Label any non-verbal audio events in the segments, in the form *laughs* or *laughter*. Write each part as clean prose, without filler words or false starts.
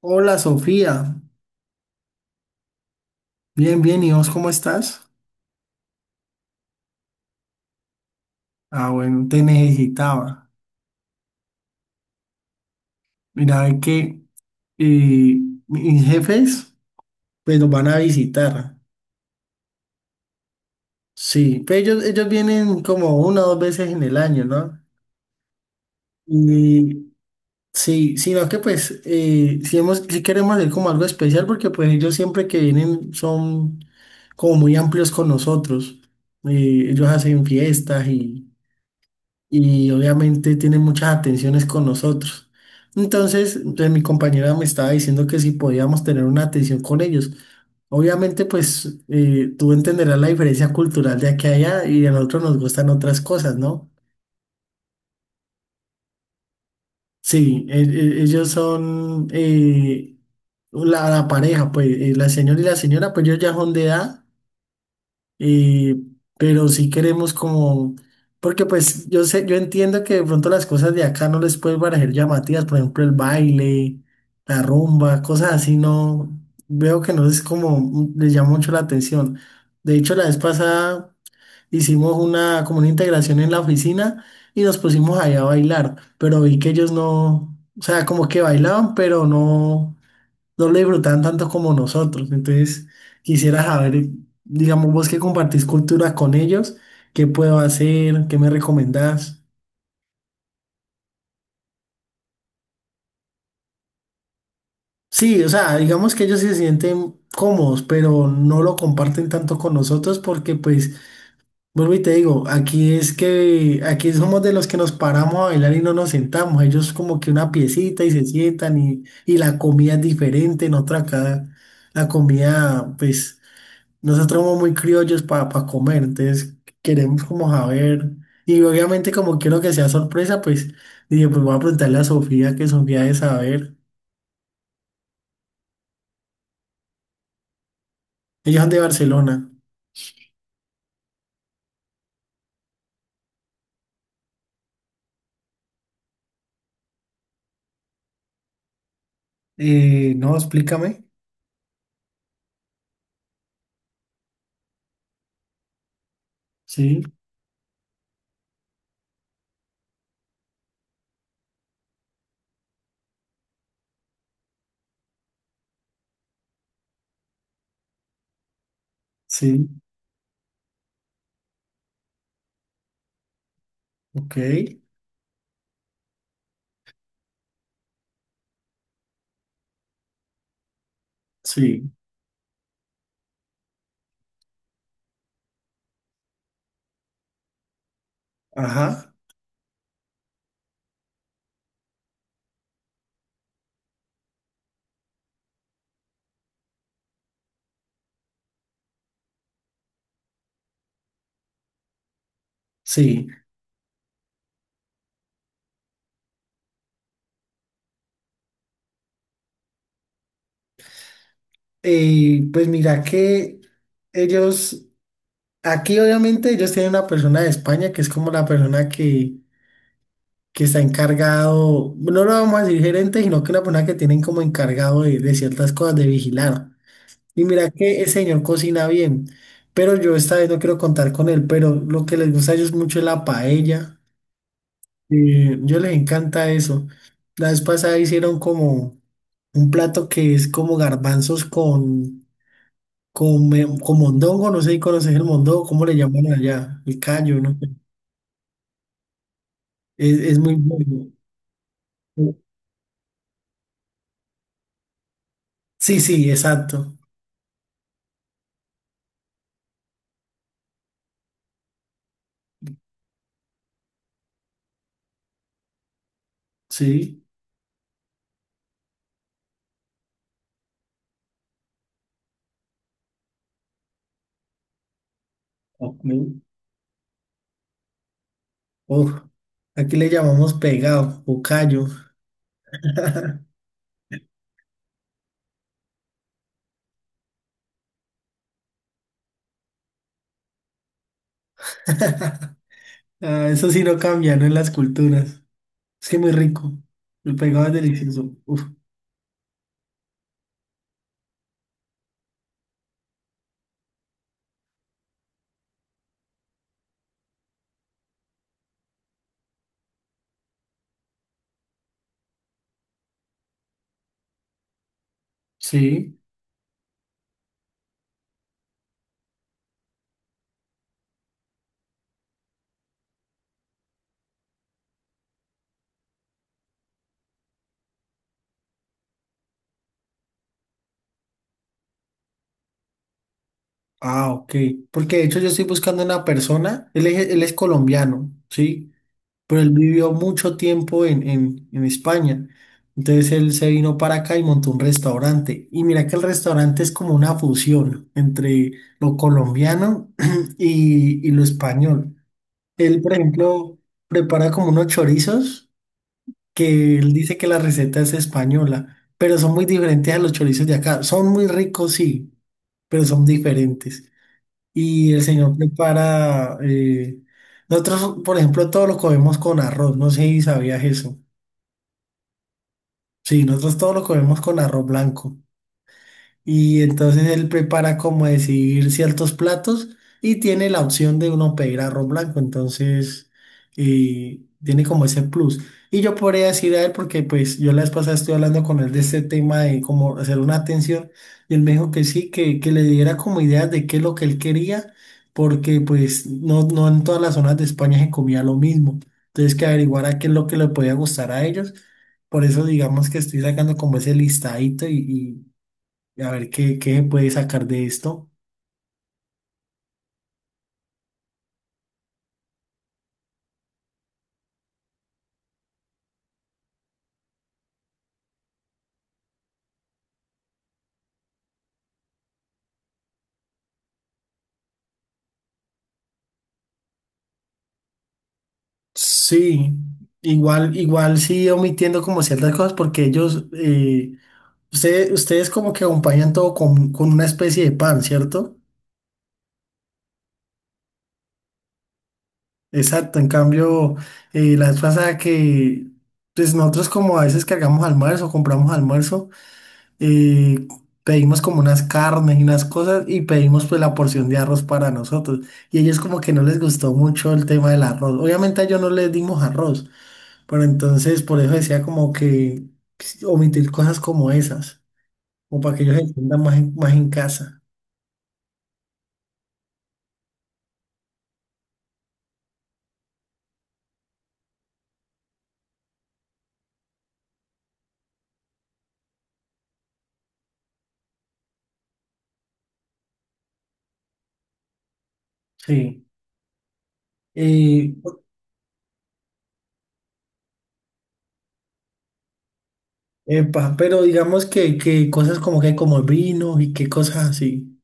Hola Sofía, bien, bien, ¿y vos cómo estás? Ah, bueno, te necesitaba. Mira, es que eh, mis jefes pues los van a visitar. Sí, pero ellos vienen como una o dos veces en el año, ¿no? Y sí, sino que pues si, hemos, si queremos hacer como algo especial porque pues ellos siempre que vienen son como muy amplios con nosotros. Ellos hacen fiestas y obviamente tiene muchas atenciones con nosotros. Entonces, mi compañera me estaba diciendo que si podíamos tener una atención con ellos. Obviamente, pues tú entenderás la diferencia cultural de aquí a allá y a nosotros nos gustan otras cosas, ¿no? Sí, ellos son la pareja, pues la señora y la señora, pues ellos ya son de edad. Eh, pero si queremos como, porque pues yo sé, yo entiendo que de pronto las cosas de acá no les pueden parecer llamativas, por ejemplo el baile, la rumba, cosas así, no, veo que no es como, les llama mucho la atención. De hecho, la vez pasada hicimos una, como una integración en la oficina y nos pusimos allá a bailar, pero vi que ellos no, o sea, como que bailaban, pero no lo disfrutaban tanto como nosotros. Entonces, quisiera saber, digamos, vos que compartís cultura con ellos, ¿qué puedo hacer? ¿Qué me recomendás? Sí, o sea, digamos que ellos se sienten cómodos, pero no lo comparten tanto con nosotros porque, pues, vuelvo y te digo, aquí es que, aquí somos de los que nos paramos a bailar y no nos sentamos. Ellos como que una piecita y se sientan y la comida es diferente, en otra acá la comida, pues, nosotros somos muy criollos para comer, entonces queremos como saber. Y obviamente como quiero que sea sorpresa, pues dije, pues voy a preguntarle a Sofía, que Sofía de saber. Ellos son de Barcelona. No, explícame. Sí, sí, ok, sí, ajá, sí. Pues mira que ellos, aquí obviamente ellos tienen una persona de España que es como la persona que está encargado, no lo vamos a decir gerente, sino que una persona que tienen como encargado de ciertas cosas, de vigilar. Y mira que el señor cocina bien, pero yo esta vez no quiero contar con él, pero lo que les gusta a ellos mucho es la paella. Eh, yo les encanta eso. La vez pasada hicieron como un plato que es como garbanzos con mondongo, no sé si conoces el mondongo, ¿cómo le llaman allá? El callo, ¿no? Es muy bueno. Sí, sí, exacto. Sí. Oh, uf, aquí le llamamos pegado o callo. *laughs* Ah, eso sí no cambia, ¿no? En las culturas. Es que muy rico. El pegado es delicioso. Uf, sí. Ah, ok. Porque de hecho yo estoy buscando una persona. Él es colombiano, ¿sí? Pero él vivió mucho tiempo en España. Entonces él se vino para acá y montó un restaurante. Y mira que el restaurante es como una fusión entre lo colombiano *clears throat* y lo español. Él, por ejemplo, prepara como unos chorizos que él dice que la receta es española, pero son muy diferentes a los chorizos de acá. Son muy ricos, sí, pero son diferentes. Y el señor prepara, nosotros, por ejemplo, todo lo comemos con arroz, no sé si sabías eso. Sí, nosotros todo lo comemos con arroz blanco. Y entonces él prepara como decir ciertos platos y tiene la opción de uno pedir arroz blanco, entonces tiene como ese plus. Y yo podría decir a él, porque pues yo la vez pasada estoy hablando con él de este tema de cómo hacer una atención y él me dijo que sí, que le diera como ideas de qué es lo que él quería, porque pues no, no en todas las zonas de España se comía lo mismo. Entonces que averiguara qué es lo que le podía gustar a ellos. Por eso digamos que estoy sacando como ese listadito y, a ver, ¿qué puede sacar de esto? Sí, igual, igual sí omitiendo como ciertas cosas porque ellos, ustedes como que acompañan todo con una especie de pan, ¿cierto? Exacto, en cambio, la vez pasada que, pues nosotros como a veces cargamos almuerzo, compramos almuerzo, eh, pedimos como unas carnes y unas cosas y pedimos pues la porción de arroz para nosotros. Y ellos como que no les gustó mucho el tema del arroz. Obviamente a ellos no les dimos arroz. Pero entonces, por eso decía como que omitir cosas como esas, o para que ellos se sientan más en casa. Sí. Eh, Epa, pero digamos que cosas como que como el vino y qué cosas así.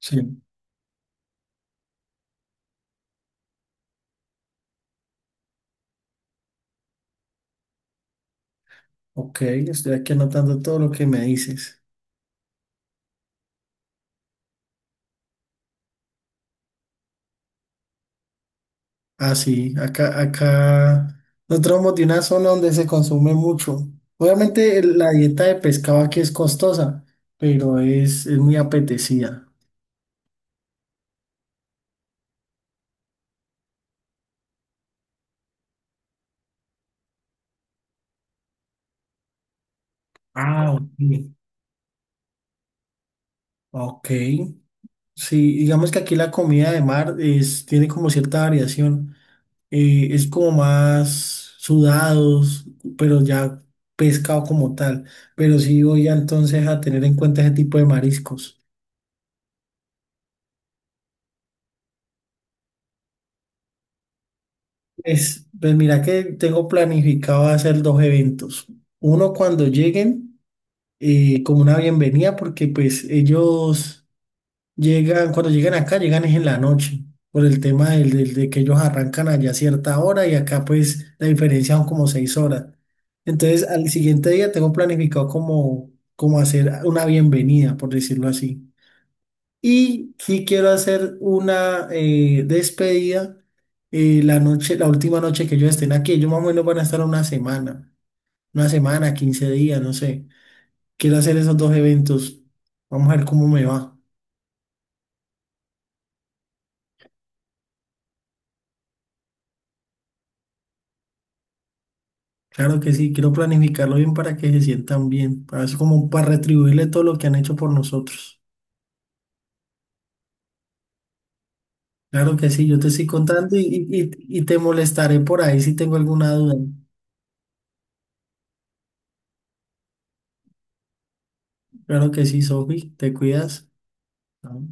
Sí. Ok, estoy aquí anotando todo lo que me dices. Ah, sí, acá nosotros somos de una zona donde se consume mucho. Obviamente la dieta de pescado aquí es costosa, pero es muy apetecida. Ah, ok. Ok. Sí, digamos que aquí la comida de mar es, tiene como cierta variación. Eh, es como más sudados, pero ya pescado como tal. Pero sí voy a, entonces a tener en cuenta ese tipo de mariscos. Es, pues mira que tengo planificado hacer dos eventos. Uno cuando lleguen, como una bienvenida, porque pues ellos llegan, cuando llegan acá, llegan es en la noche, por el tema de que ellos arrancan allá a cierta hora y acá pues la diferencia son como 6 horas. Entonces al siguiente día tengo planificado como hacer una bienvenida, por decirlo así. Y sí quiero hacer una despedida la noche, la última noche que ellos estén aquí. Ellos más o menos van a estar una semana, 15 días, no sé. Quiero hacer esos dos eventos. Vamos a ver cómo me va. Claro que sí, quiero planificarlo bien para que se sientan bien, para eso como para retribuirle todo lo que han hecho por nosotros. Claro que sí, yo te estoy contando y, y te molestaré por ahí si tengo alguna duda. Claro que sí, Sofi, te cuidas. Chao.